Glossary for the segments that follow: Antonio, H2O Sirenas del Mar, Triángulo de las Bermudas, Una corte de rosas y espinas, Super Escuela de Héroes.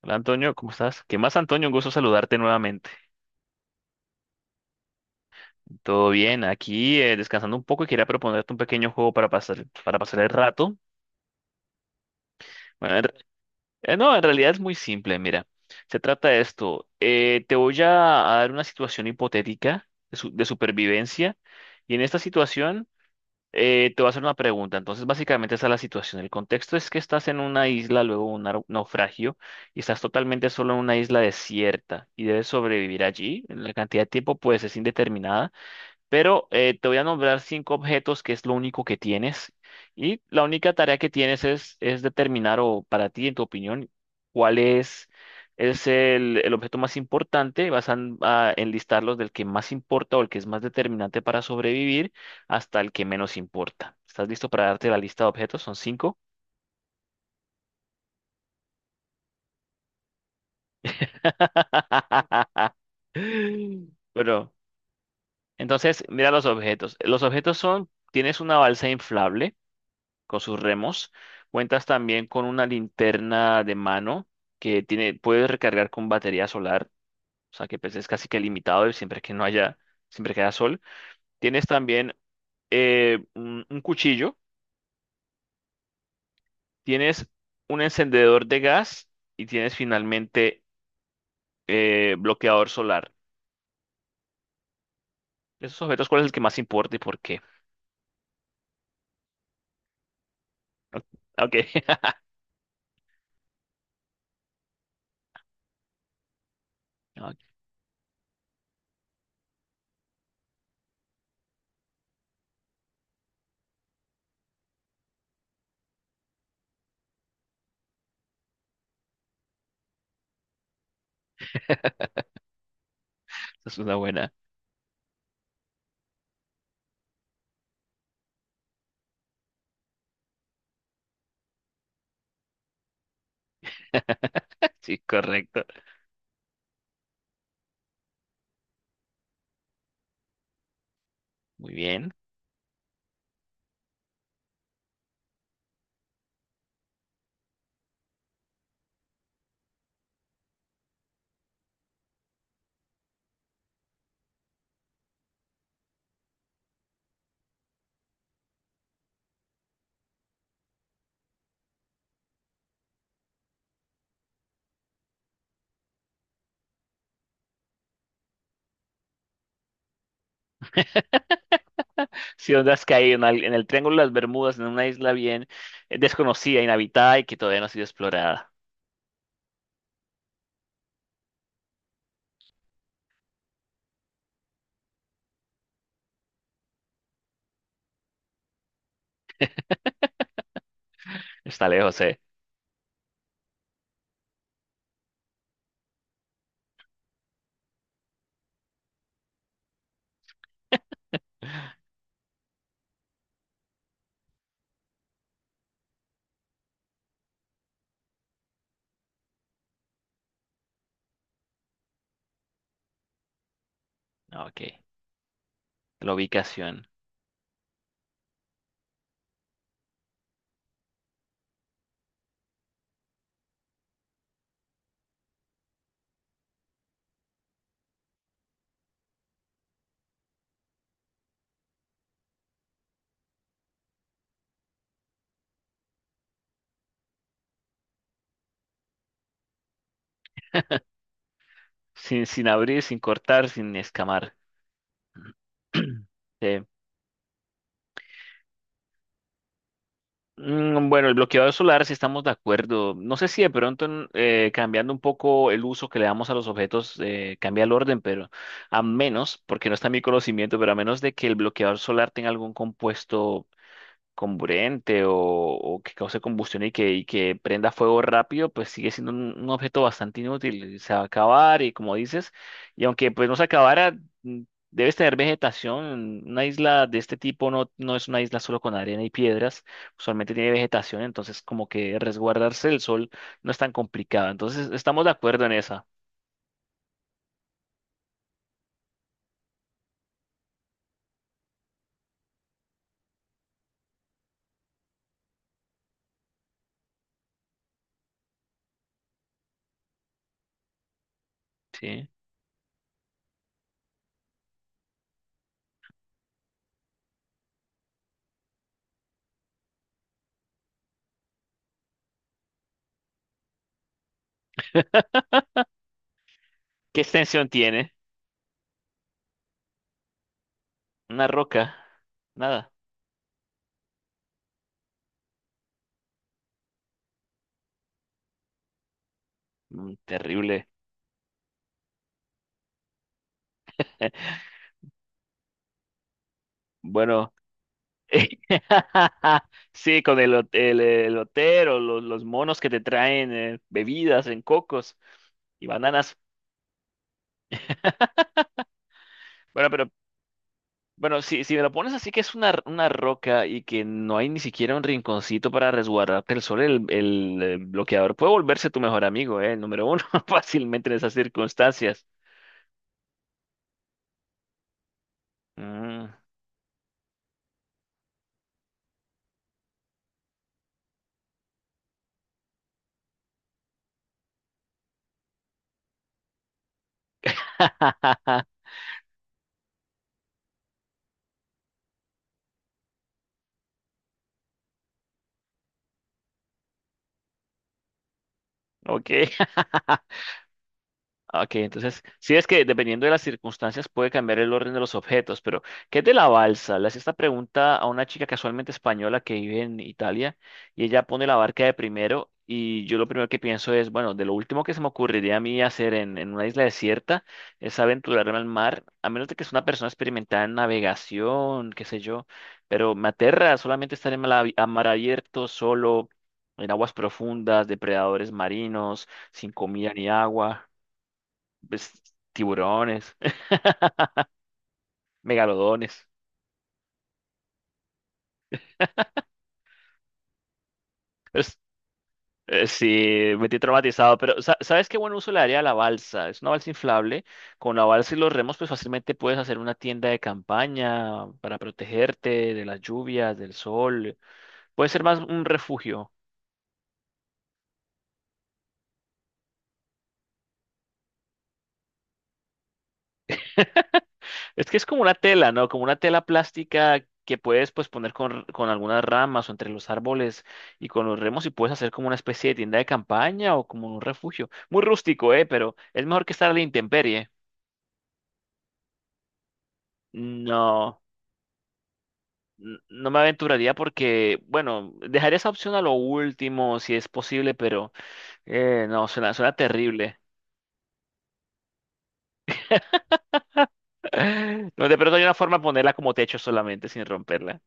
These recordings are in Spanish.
Hola Antonio, ¿cómo estás? ¿Qué más, Antonio? Un gusto saludarte nuevamente. ¿Todo bien? Aquí descansando un poco y quería proponerte un pequeño juego para pasar el rato. Bueno, en re- no, En realidad es muy simple, mira. Se trata de esto. Te voy a dar una situación hipotética de supervivencia y en esta situación. Te voy a hacer una pregunta. Entonces, básicamente esa es la situación. El contexto es que estás en una isla, luego un naufragio, y estás totalmente solo en una isla desierta y debes sobrevivir allí. La cantidad de tiempo, pues, es indeterminada. Pero te voy a nombrar cinco objetos que es lo único que tienes. Y la única tarea que tienes es determinar, o para ti, en tu opinión, cuál es, es el objeto más importante. A enlistarlos del que más importa o el que es más determinante para sobrevivir hasta el que menos importa. ¿Estás listo para darte la lista de objetos? Son cinco. Bueno, entonces mira los objetos. Los objetos son, tienes una balsa inflable con sus remos. Cuentas también con una linterna de mano que tiene, puedes recargar con batería solar, o sea que pues, es casi que limitado y siempre que no haya, siempre que haya sol. Tienes también un cuchillo, tienes un encendedor de gas y tienes finalmente bloqueador solar. De esos objetos, ¿cuál es el que más importa y por qué? Ok. Ok, esa es una buena. Sí, correcto. Muy bien. Si donde has caído en, en el Triángulo de las Bermudas, en una isla bien desconocida, inhabitada y que todavía no ha sido explorada. Está lejos, ¿eh? Ah, ok. La ubicación. Sin, sin abrir, sin cortar, sin escamar. Sí. Mm, bueno, el bloqueador solar, si estamos de acuerdo. No sé si de pronto cambiando un poco el uso que le damos a los objetos cambia el orden, pero a menos, porque no está en mi conocimiento, pero a menos de que el bloqueador solar tenga algún compuesto comburente o que cause combustión y que prenda fuego rápido, pues sigue siendo un objeto bastante inútil. Se va a acabar y como dices, y aunque pues no se acabara, mm, debes tener vegetación. Una isla de este tipo no es una isla solo con arena y piedras, usualmente tiene vegetación, entonces como que resguardarse del sol no es tan complicado. Entonces estamos de acuerdo en esa, ¿sí? ¿Qué extensión tiene? Una roca, nada. Mm, terrible. Bueno. Sí, con el lotero, los monos que te traen bebidas en cocos y bananas. Bueno, pero bueno, si, si me lo pones así que es una roca y que no hay ni siquiera un rinconcito para resguardarte el sol, el bloqueador puede volverse tu mejor amigo, el número uno, fácilmente en esas circunstancias. Mm. Ok. Ah, ok, entonces, sí es que dependiendo de las circunstancias puede cambiar el orden de los objetos, pero ¿qué es de la balsa? Le hacía esta pregunta a una chica casualmente española que vive en Italia y ella pone la barca de primero y yo lo primero que pienso es, bueno, de lo último que se me ocurriría a mí hacer en una isla desierta es aventurarme al mar, a menos de que sea una persona experimentada en navegación, qué sé yo, pero me aterra solamente estar a mar abierto, solo, en aguas profundas, depredadores marinos, sin comida ni agua, pues, tiburones, megalodones. Es- sí, me tiene traumatizado, pero ¿sabes qué buen uso le daría a la balsa? Es una balsa inflable. Con la balsa y los remos, pues fácilmente puedes hacer una tienda de campaña para protegerte de las lluvias, del sol. Puede ser más un refugio. Es que es como una tela, ¿no? Como una tela plástica que puedes pues poner con algunas ramas o entre los árboles y con los remos y puedes hacer como una especie de tienda de campaña o como un refugio. Muy rústico, ¿eh? Pero es mejor que estar a la intemperie. No, no me aventuraría porque, bueno, dejaría esa opción a lo último si es posible, pero no, suena terrible. No, de pronto hay una forma de ponerla como techo solamente sin romperla.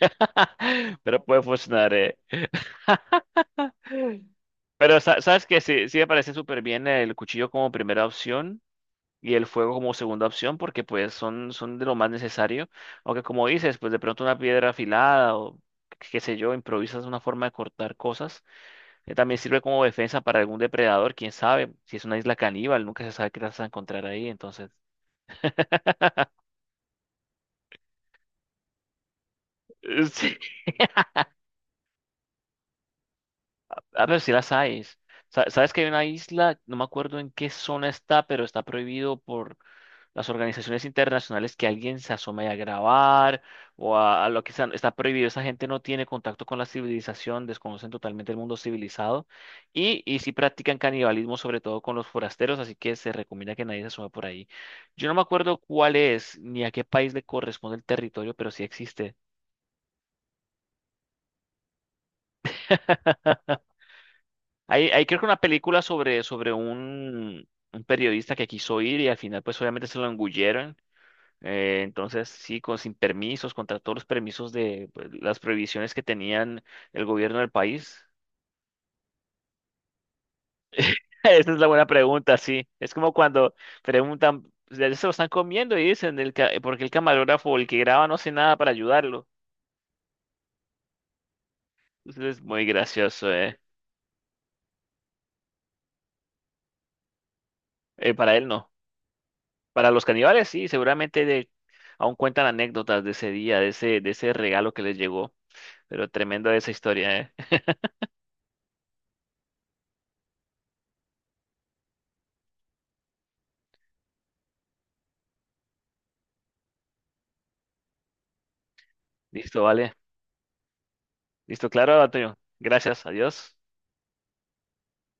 Pero puede funcionar, eh. Pero sabes que sí, sí me parece súper bien el cuchillo como primera opción y el fuego como segunda opción porque pues son, son de lo más necesario. Aunque como dices, pues de pronto una piedra afilada o qué sé yo, improvisas una forma de cortar cosas, que también sirve como defensa para algún depredador, quién sabe, si es una isla caníbal, nunca se sabe qué las vas a encontrar ahí, entonces, sí. Ah, pero sí las hay. Sabes que hay una isla, no me acuerdo en qué zona está, pero está prohibido por las organizaciones internacionales que alguien se asome a grabar o a lo que sea, está prohibido. Esa gente no tiene contacto con la civilización, desconocen totalmente el mundo civilizado y sí practican canibalismo, sobre todo con los forasteros, así que se recomienda que nadie se asome por ahí. Yo no me acuerdo cuál es ni a qué país le corresponde el territorio, pero sí existe. Hay creo que una película sobre, sobre un periodista que quiso ir y al final pues obviamente se lo engullieron. Entonces, sí, con, sin permisos, contra todos los permisos de pues, las prohibiciones que tenían el gobierno del país. Esa es la buena pregunta, sí. Es como cuando preguntan, Se lo están comiendo?" Y dicen, porque el camarógrafo, o el que graba, no hace nada para ayudarlo. Entonces, es muy gracioso, ¿eh? Para él no. Para los caníbales, sí, seguramente, aún cuentan anécdotas de ese día, de ese regalo que les llegó. Pero tremenda esa historia, ¿eh? Listo, vale. Listo, claro, Antonio. Gracias, adiós.